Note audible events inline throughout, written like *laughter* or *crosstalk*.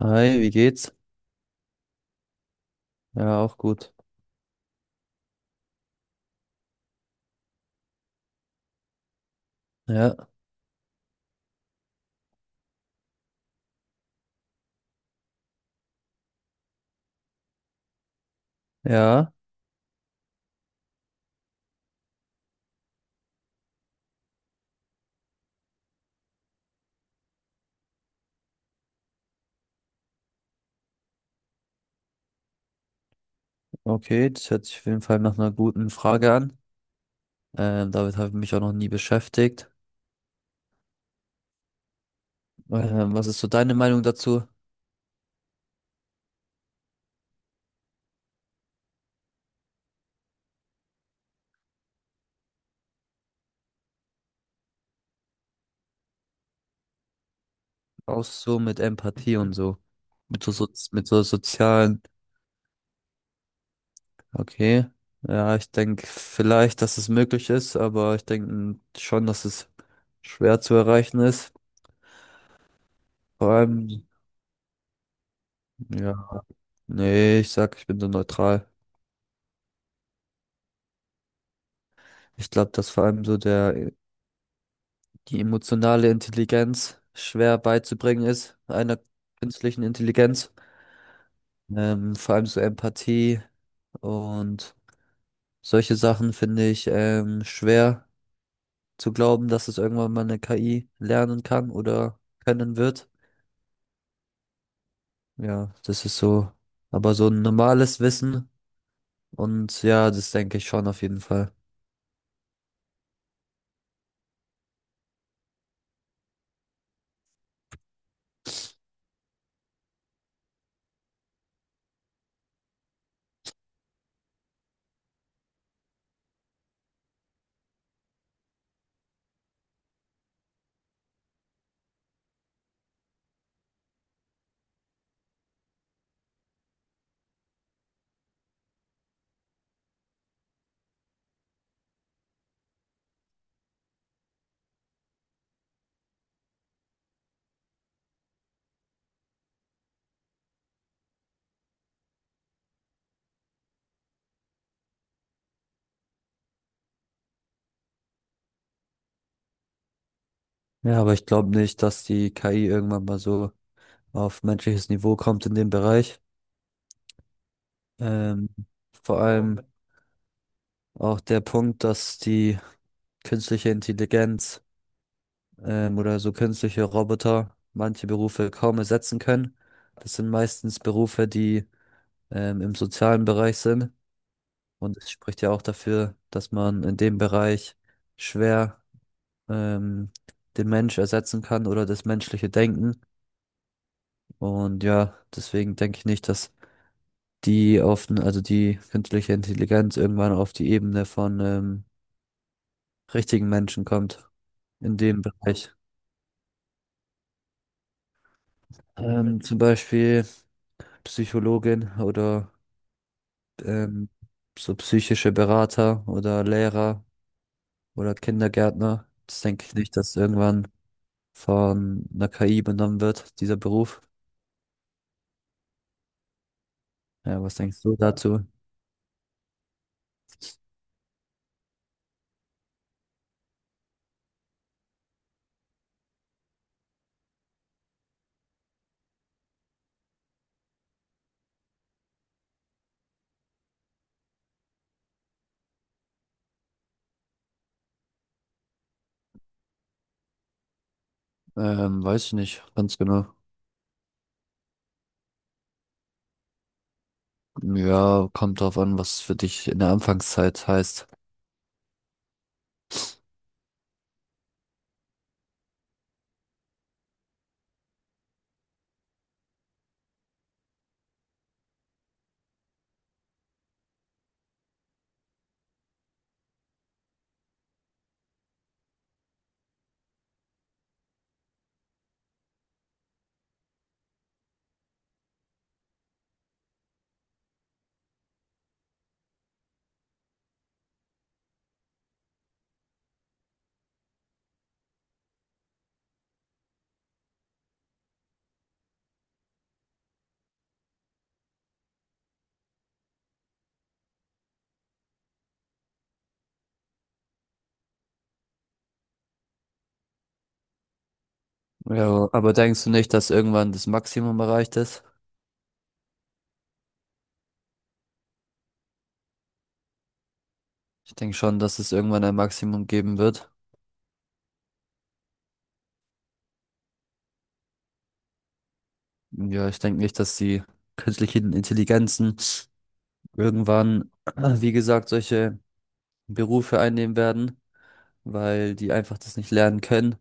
Hi, wie geht's? Ja, auch gut. Ja, ja, okay, das hört sich auf jeden Fall nach einer guten Frage an. Damit habe ich mich auch noch nie beschäftigt. Was ist so deine Meinung dazu? Auch so mit Empathie und so. Mit so, mit so sozialen. Okay. Ja, ich denke vielleicht, dass es möglich ist, aber ich denke schon, dass es schwer zu erreichen ist. Vor allem, ja, nee, ich sag, ich bin so neutral. Ich glaube, dass vor allem so der die emotionale Intelligenz schwer beizubringen ist, einer künstlichen Intelligenz. Vor allem so Empathie und solche Sachen finde ich schwer zu glauben, dass es irgendwann mal eine KI lernen kann oder können wird. Ja, das ist so, aber so ein normales Wissen und ja, das denke ich schon auf jeden Fall. Ja, aber ich glaube nicht, dass die KI irgendwann mal so auf menschliches Niveau kommt in dem Bereich. Ähm, vor allem Auch der Punkt, dass die künstliche Intelligenz oder so künstliche Roboter manche Berufe kaum ersetzen können. Das sind meistens Berufe, die im sozialen Bereich sind. Und es spricht ja auch dafür, dass man in dem Bereich schwer ähm, den Mensch ersetzen kann oder das menschliche Denken. Und ja, deswegen denke ich nicht, dass also die künstliche Intelligenz irgendwann auf die Ebene von richtigen Menschen kommt in dem Bereich. Zum Beispiel Psychologin oder ähm, so psychische Berater oder Lehrer oder Kindergärtner. Das denke ich nicht, dass irgendwann von einer KI übernommen wird, dieser Beruf. Ja, was denkst du dazu? Weiß ich nicht, ganz genau. Ja, kommt drauf an, was für dich in der Anfangszeit heißt. Ja, aber denkst du nicht, dass irgendwann das Maximum erreicht ist? Ich denke schon, dass es irgendwann ein Maximum geben wird. Ja, ich denke nicht, dass die künstlichen Intelligenzen irgendwann, *clears throat* wie gesagt, solche Berufe einnehmen werden, weil die einfach das nicht lernen können.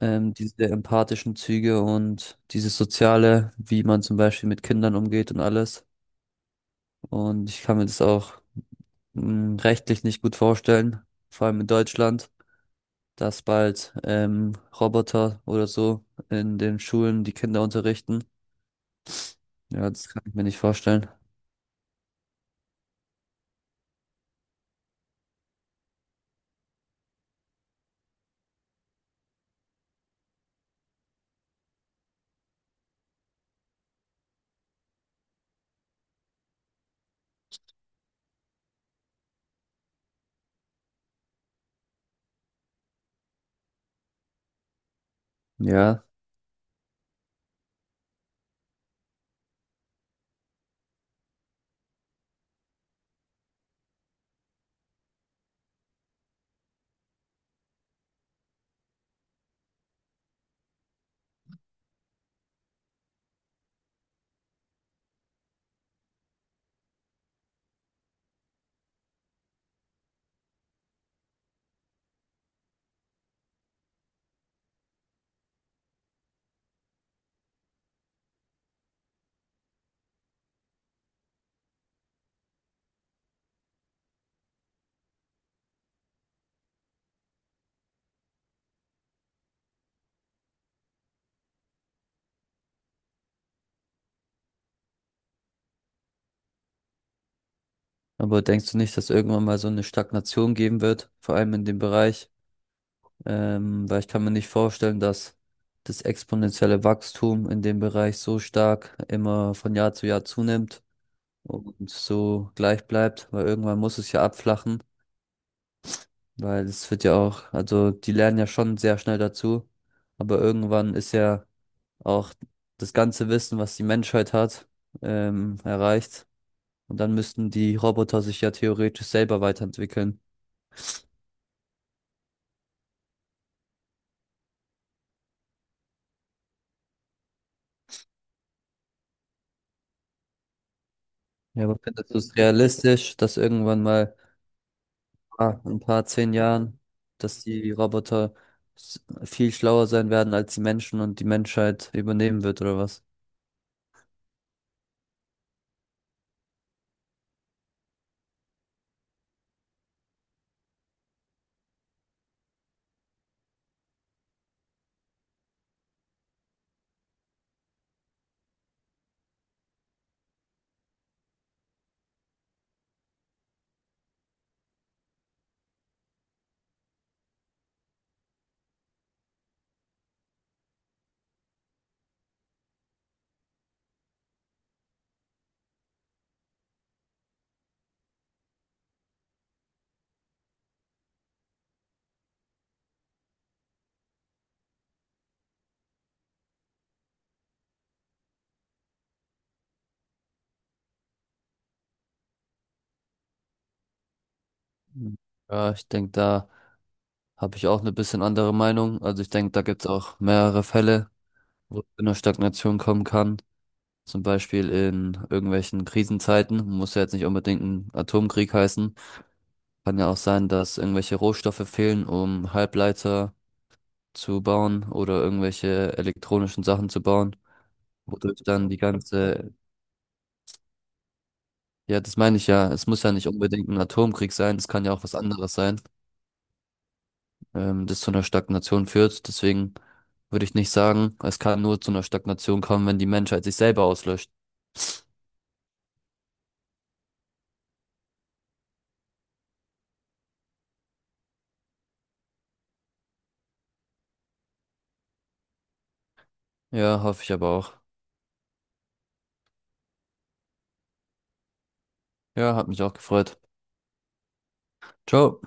Diese empathischen Züge und dieses Soziale, wie man zum Beispiel mit Kindern umgeht und alles. Und ich kann mir das auch rechtlich nicht gut vorstellen, vor allem in Deutschland, dass bald Roboter oder so in den Schulen die Kinder unterrichten. Ja, das kann ich mir nicht vorstellen. Ja, aber denkst du nicht, dass irgendwann mal so eine Stagnation geben wird, vor allem in dem Bereich? Weil ich kann mir nicht vorstellen, dass das exponentielle Wachstum in dem Bereich so stark immer von Jahr zu Jahr zunimmt und so gleich bleibt, weil irgendwann muss es ja abflachen, weil es wird ja auch, also die lernen ja schon sehr schnell dazu, aber irgendwann ist ja auch das ganze Wissen, was die Menschheit hat, erreicht und dann müssten die Roboter sich ja theoretisch selber weiterentwickeln. Ja, aber findest du es realistisch, dass irgendwann mal in ein paar zehn Jahren, dass die viel schlauer sein werden als die Menschen und die Menschheit übernehmen wird oder was? Hm. Ja, ich denke, da habe ich auch eine bisschen andere Meinung. Also ich denke, da gibt es auch mehrere Fälle, wo es zu einer Stagnation kommen kann. Zum Beispiel in irgendwelchen Krisenzeiten. Muss ja jetzt nicht unbedingt ein Atomkrieg heißen. Kann ja auch sein, dass irgendwelche Rohstoffe fehlen, um Halbleiter zu bauen oder irgendwelche elektronischen Sachen zu bauen, wodurch dann die ganze Ja, das meine ich ja. Es muss ja nicht unbedingt ein Atomkrieg sein. Es kann ja auch was anderes sein, das zu einer Stagnation führt. Deswegen würde ich nicht sagen, es kann nur zu einer Stagnation kommen, wenn die Menschheit sich selber auslöscht. Ja, hoffe ich aber auch. Ja, hat mich auch gefreut. Ciao.